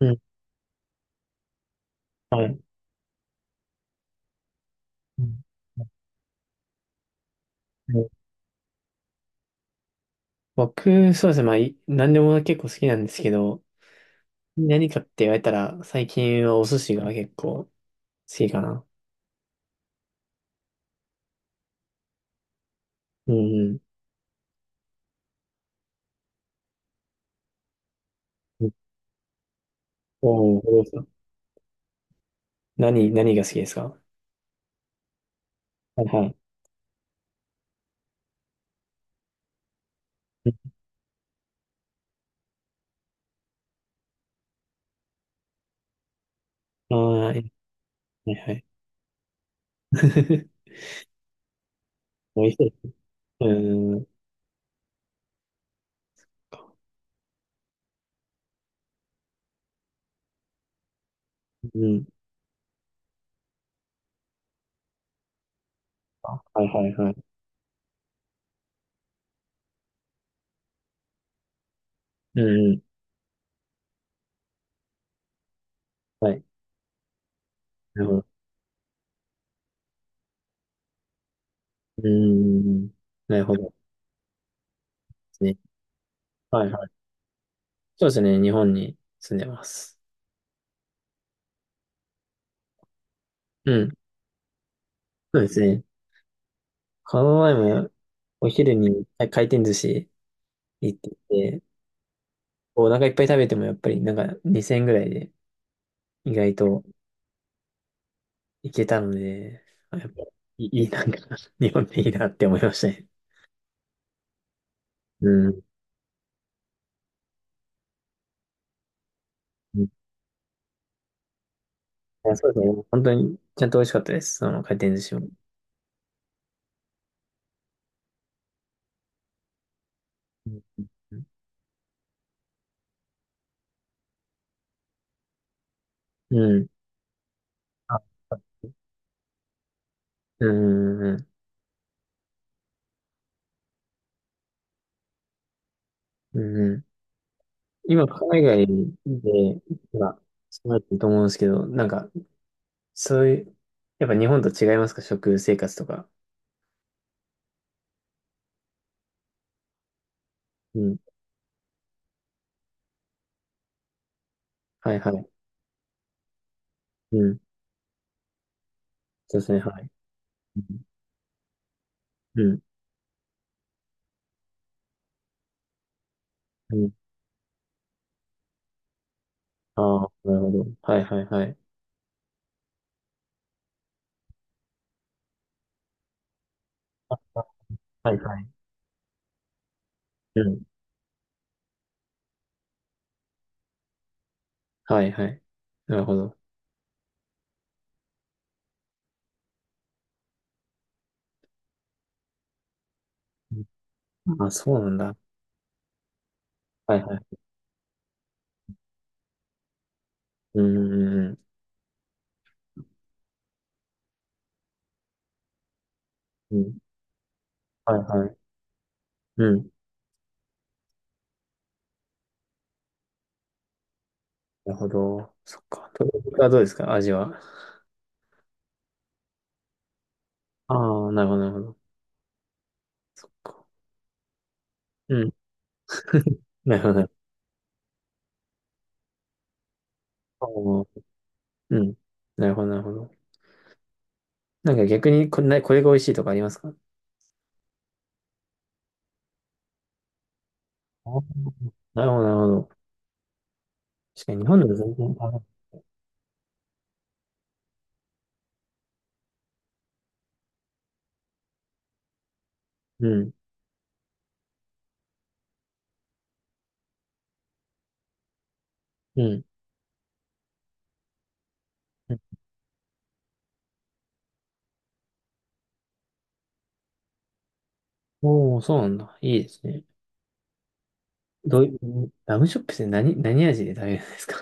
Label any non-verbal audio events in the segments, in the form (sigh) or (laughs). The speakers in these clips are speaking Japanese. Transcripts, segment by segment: うん、はい。うんはい。僕、そうですね。まあ、何でも結構好きなんですけど、何かって言われたら、最近はお寿司が結構好きかな。うん、うん。おお、どうですか？何が好きですか？はいはい。ああはいはい。(laughs) 美味しい。うん、うん。あ、はいはいはい。うんうん、はい。なるほど。うん、なるほどですね。はいはい。そうですね。日本に住んでます。うん。そうですね。この前もお昼に回転寿司行ってて、お腹いっぱい食べてもやっぱりなんか2000円ぐらいで意外といけたので、あ、やっぱいいいなんか (laughs) 日本でいいなって思いましたね。うん。うん、いやそうですね。本当にちゃんと美味しかったです。その回転寿司も。うん。うん。あ、うんうんうん。うん、今、海外で、今、住まれてると思うんですけど、なんか、そういう、やっぱ日本と違いますか、食生活とか。うんはいはい。うん。そうですね、はい。うん。うん。うん、ああー、なるほど。はいはいはい。はいはい。うん。はいはい。なるほど。うん、あ、そうなんだ。はいはい。うんうんうん。うん。はいはい。うん。なるほど。そっか。鶏肉はどうですか、味は。ああ、なるほどなるほど。そっか。うん。なるほどなるほど。あーうん。なるほどなるほど。なんか逆にこれが美味しいとかありますか？あー、なるほどなるほど。確かに日本でも全然食べない。うん。うん。おお、そうなんだ。いいですね。どういう、ラムチョップって何味で食べるんですか？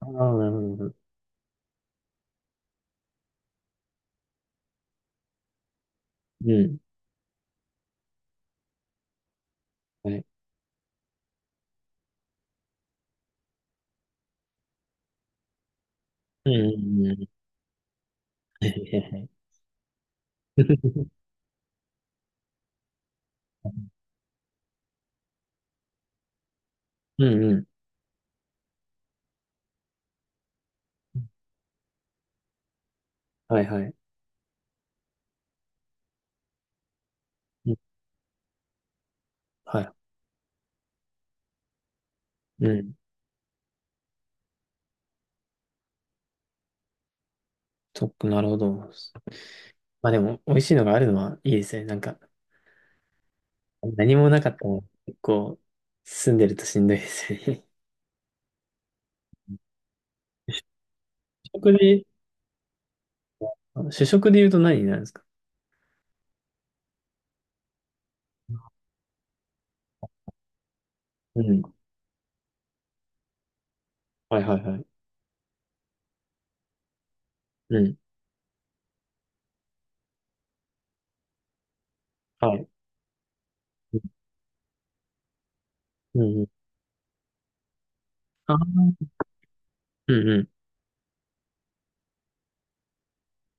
あ (laughs) あー、なるほど。なるほど。うん。はい。うん、うん、うん。(laughs) うんうん。はいはい。うんはい。うん。そっか、なるほど。まあでも、美味しいのがあるのはいいですね。なんか、何もなかったら結構、住んでるとしんどいですよね。(laughs) 主食で主食で言うと何になるんですか？うん。はいはいはい。うん。はい。うん。うん。ああ。うんうん。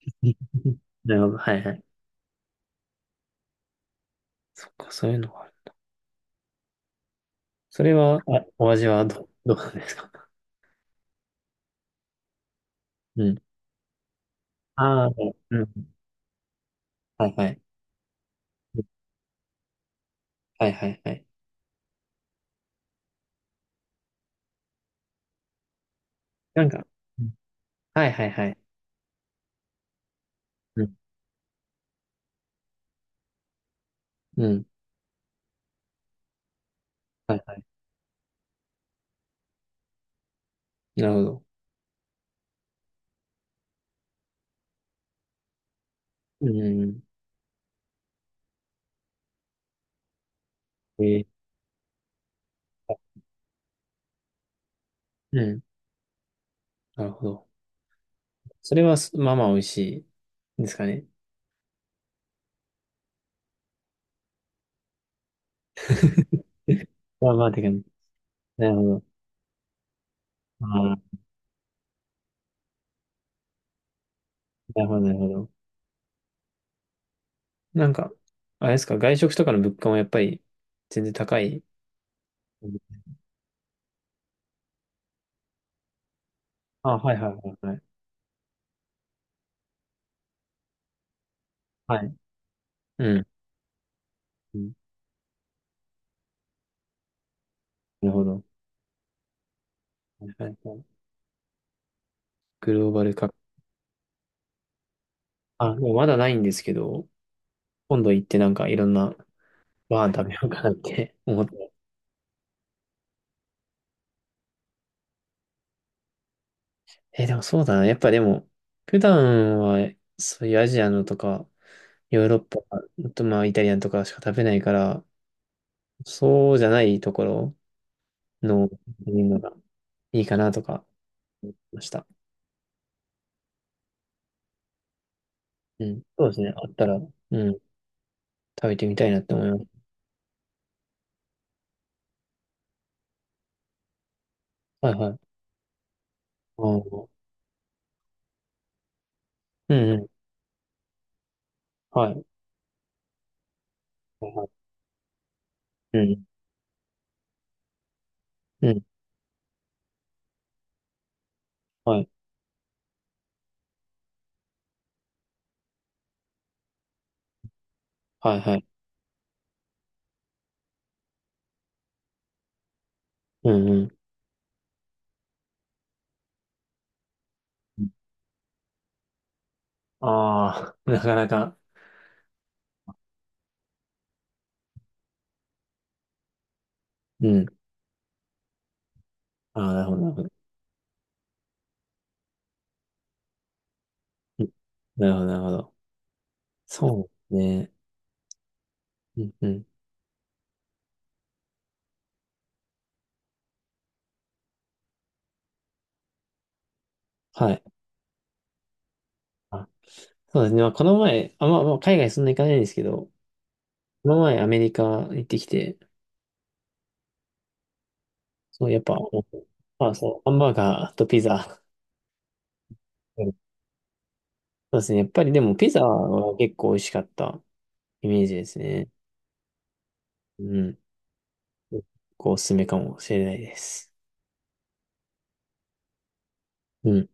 (laughs) なるほど。はいはい。そっか、そういうのがある。それは、あ、お味はどうなんですか？うん。ああ、うん。はいはい。うんはいはいはい。なんか、うんはいはいはい。うん。うん。はいはい。なるほど。うん。えーうん。なるほど。それは、す、まあまあ美味しいですかね。まあまあ、てか、なるほど。ああ、なるほど、なるほど。なんか、あれですか、外食とかの物価もやっぱり全然高い。あ、はいはいはいはい。はい。うん。うんなるほど。はいはいはい。グローバル化。あ、もうまだないんですけど、今度行ってなんかいろんなご飯食べようかなって (laughs) 思って。え、でもそうだな。やっぱでも、普段はそういうアジアのとか、ヨーロッパ、あとまあイタリアンとかしか食べないから、そうじゃないところの見るのがいいかなとか思いました。うん。そうですね。あったら、うん。食べてみたいなって思います。はいはい。あーうんうん。はい。はいはい、うん。うん。はい。はいはい。うんうん。ああ、なかなか。うん。ああ、なるほど、なるほど。うん、なるほど、なるほど。そうね。うんうん。はい。あ、そうですね。まあ、この前、あ、まあ、まあ海外そんな行かないんですけど、この前アメリカ行ってきて、そう、やっぱ、まあ、そう、ハンバーガーとピザ。うん (laughs) そうですね。やっぱりでもピザは結構美味しかったイメージですね。うん。こう、おすすめかもしれないです。うん。